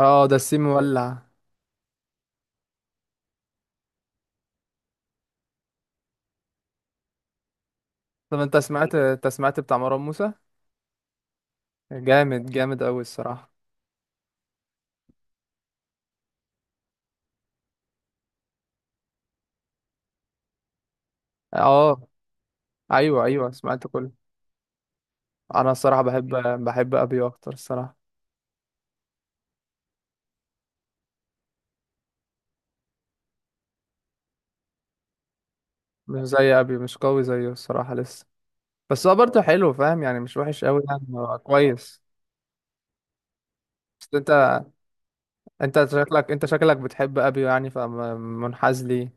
اه، ده السيم مولع. طب انت سمعت بتاع مروان موسى؟ جامد جامد قوي الصراحه. اه، ايوه ايوه سمعت كله. انا الصراحه بحب ابيو اكتر الصراحه. مش زي ابيو، مش قوي زيه الصراحه لسه. بس هو برضه حلو فاهم يعني، مش وحش قوي يعني، هو كويس. بس انت شكلك بتحب ابيو يعني فمنحاز ليه؟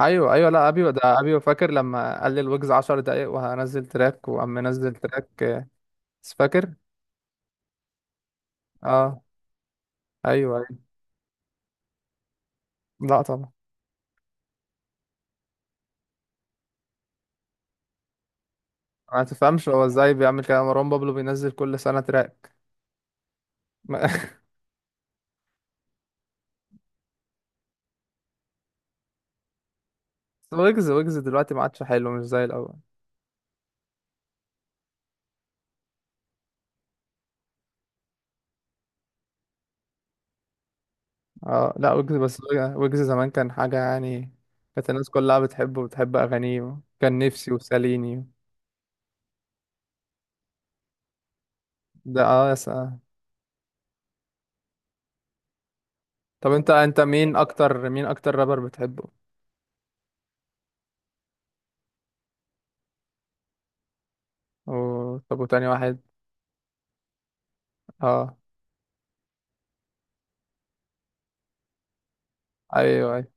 ايوه ايوه، لا ابيو، ده ابيو. فاكر لما قال لي الويجز 10 دقايق وهنزل تراك وقام منزل تراك، فاكر. اه، ايوه أيوة. لا طبعا. ما تفهمش هو ازاي بيعمل كده، مروان بابلو بينزل كل سنة تراك. ويجز ويجز دلوقتي ما عادش حلو، مش زي الأول. اه لا، ويجز بس. ويجز زمان كان حاجة يعني. كانت الناس كلها بتحبه وبتحب أغانيه، كان نفسي وساليني. ده اه يا سلام. طب انت مين أكتر رابر بتحبه؟ و... طب وتاني واحد؟ اه، أيوه أيوه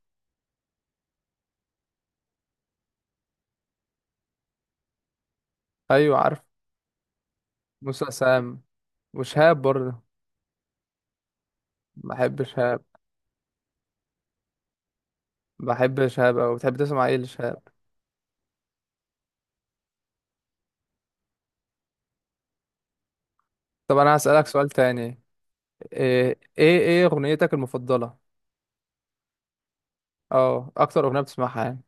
أيوه عارف. موسى سام، وشهاب برضه. بحب شهاب، بحب شهاب أوي. بتحب تسمع ايه لشهاب؟ طب أنا هسألك سؤال تاني: ايه ايه إيه اغنيتك المفضلة، اه اكتر اغنية بتسمعها يعني؟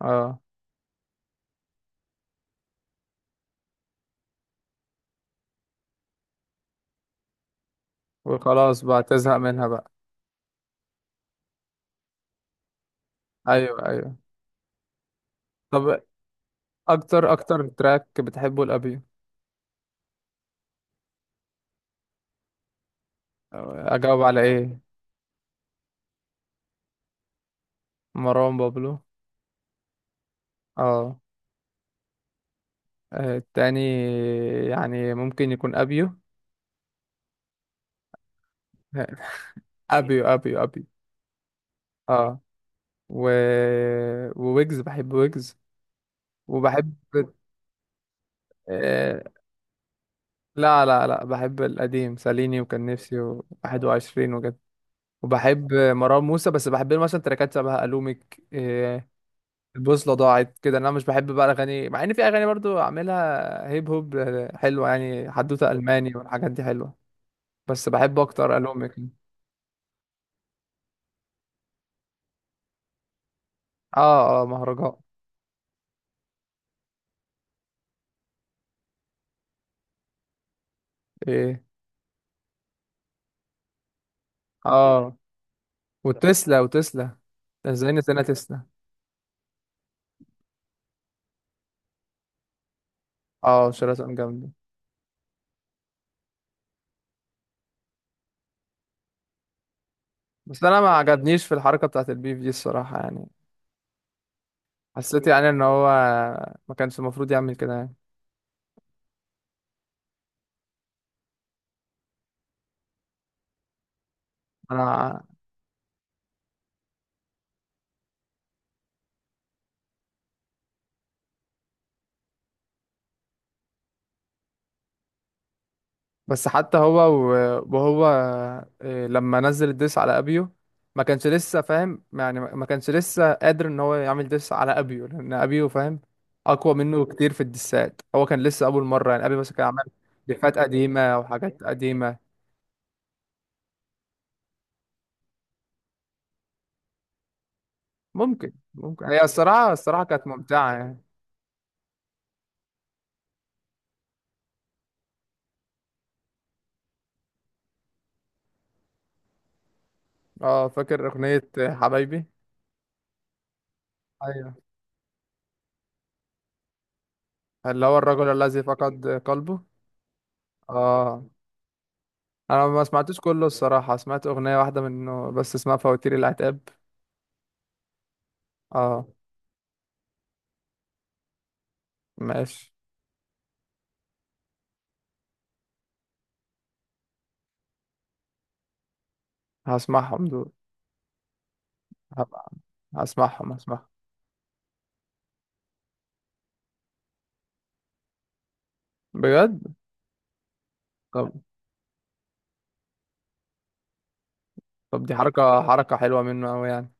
اه. وخلاص بقى تزهق منها بقى. ايوه ايوه. طب اكتر تراك بتحبه الابيو؟ اجاوب على ايه؟ مروان بابلو. اه. التاني يعني ممكن يكون ابيو. ابيو ابيو ابيو. اه. و... وويجز، بحب ويجز. وبحب آه... لا لا لا، بحب القديم، ساليني وكان نفسي و21 وجد. وبحب مروان موسى، بس بحب له مثلا تراكات شبه الومك إيه. البوصله ضاعت كده، انا مش بحب بقى الاغاني، مع ان في اغاني برضو عاملها هيب هوب حلوه يعني. حدوته الماني والحاجات دي حلوه، بس بحب اكتر الومك. اه اه، مهرجان. ايه اه، وتسلا وتسلا. ازاي نسينا تسلا؟ اه شيراتون جامده. بس انا ما عجبنيش في الحركه بتاعت البيف دي الصراحه يعني. حسيت يعني ان هو ما كانش المفروض يعمل كده يعني. انا بس، حتى هو وهو لما نزل الديس على ابيو ما كانش لسه فاهم يعني، ما كانش لسه قادر ان هو يعمل ديس على ابيو، لان ابيو فاهم اقوى منه كتير في الديسات. هو كان لسه اول مره يعني، ابيو بس كان عمل ديفات قديمه وحاجات قديمه. ممكن. ممكن هي الصراحه كانت ممتعه يعني. اه فاكر اغنيه حبايبي. ايوه، اللي هو الرجل الذي فقد قلبه. اه. انا ما سمعتوش كله الصراحه، سمعت اغنيه واحده منه بس اسمها فواتير العتاب. اه ماشي. هسمعهم دول. هبقى هسمعهم بجد. طب طب دي حركة حلوة منه أوي يعني.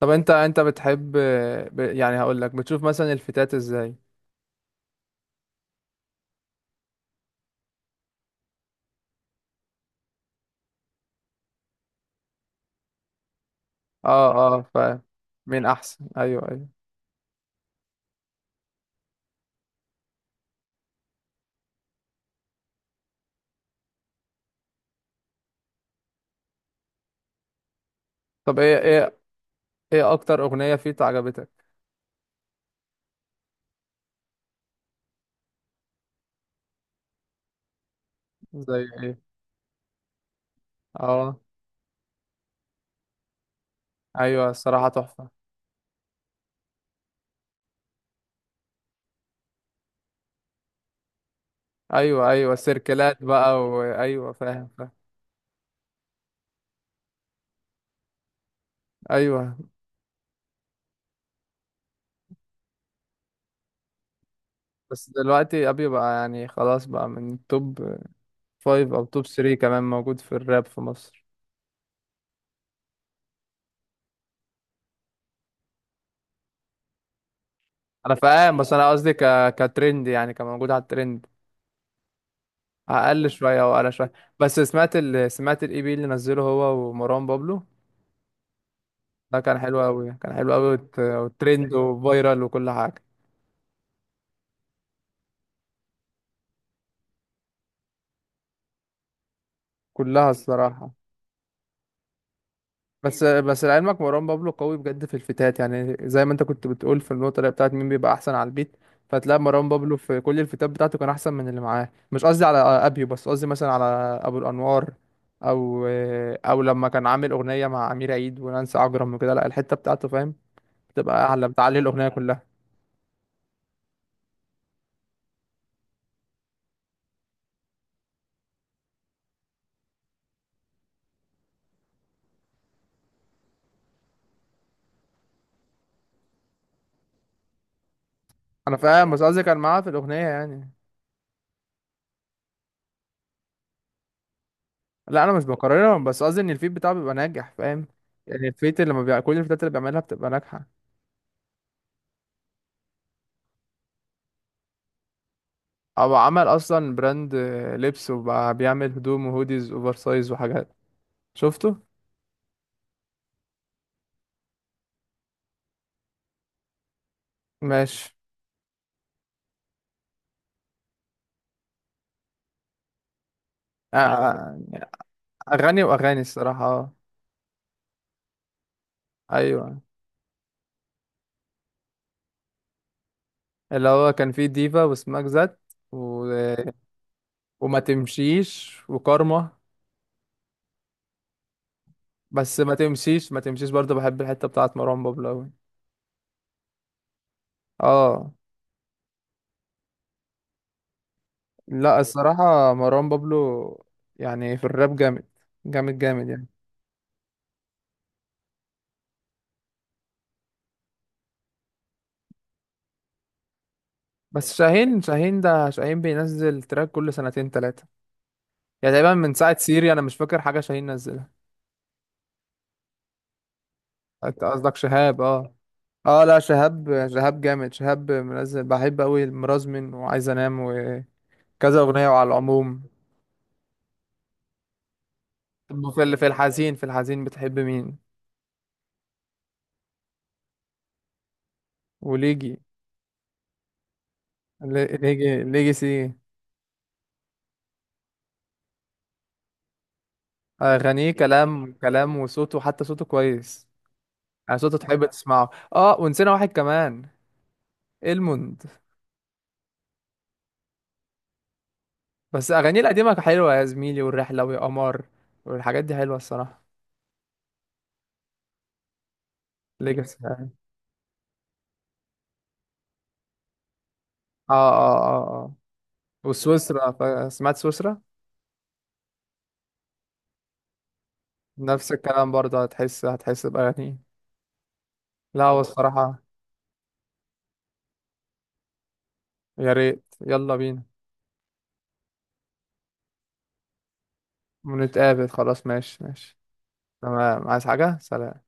طب انت بتحب، يعني هقول لك، بتشوف مثلا الفتات ازاي. اه اه فاهم. مين احسن، ايوه ايوه. طب ايه ايه اكتر اغنية فيت عجبتك؟ زي ايه؟ اه ايوه الصراحة تحفة. ايوه ايوه سيركلات بقى، وايوه فاهم فاهم. ايوه بس دلوقتي ابي بقى يعني خلاص بقى من توب فايف او توب ثري كمان موجود في الراب في مصر. انا فاهم، بس انا قصدي كترند يعني، كموجود على الترند. اقل شويه او اقل شويه. بس سمعت سمعت الاي بي اللي نزله هو ومروان بابلو. ده كان حلو قوي، كان حلو قوي وترند وفايرال وكل حاجه. كلها الصراحه. بس لعلمك مروان بابلو قوي بجد في الفتات يعني، زي ما انت كنت بتقول في النقطة اللي بتاعت مين بيبقى أحسن على البيت. فتلاقي مروان بابلو في كل الفتات بتاعته كان أحسن من اللي معاه. مش قصدي على أبيو، بس قصدي مثلا على أبو الأنوار، أو أو لما كان عامل أغنية مع أمير عيد ونانسي عجرم وكده. لا، الحتة بتاعته فاهم، بتبقى أعلى، بتعلي الأغنية كلها. أنا فاهم، بس قصدي كان معاه في الأغنية يعني. لا أنا مش بقارنهم، بس قصدي إن الفيت بتاعه بيبقى ناجح فاهم. يعني الفيت اللي لما كل الفتات اللي بيعملها بتبقى ناجحة. او عمل اصلا براند، لبس، وبقى بيعمل هدوم وهوديز اوفر سايز وحاجات. شفته. ماشي. آه، آه، اغاني واغاني الصراحه. ايوه اللي هو كان فيه ديفا، وسماك زات، و... وما تمشيش، وكارما. بس ما تمشيش ما تمشيش برضه بحب الحته بتاعت مروان بابلو أوي. اه لا، الصراحه مروان بابلو يعني في الراب جامد، جامد جامد يعني. بس شاهين ده شاهين بينزل تراك كل سنتين تلاتة يعني. تقريبا من ساعة سيري أنا مش فاكر حاجة شاهين نزلها. أنت قصدك شهاب؟ أه. أه لا شهاب جامد. شهاب منزل، بحب أوي المرازمن وعايز أنام وكذا أغنية، وعلى العموم. طب في الحزين بتحب مين؟ وليجي. ليجي سي. أغانيه كلام كلام، وصوته حتى صوته كويس يعني. صوته تحب تسمعه. أه ونسينا واحد كمان. الموند. بس أغانيه القديمة حلوة، يا زميلي، والرحلة، ويا قمر، والحاجات دي حلوة الصراحة. ليجاسي اه. اه اه آه. وسويسرا، سمعت سويسرا. نفس الكلام برضه، هتحس بأغاني. لا هو الصراحة. يا ريت، يلا بينا. ونتقابل خلاص، ماشي ماشي. تمام، عايز حاجة؟ سلام.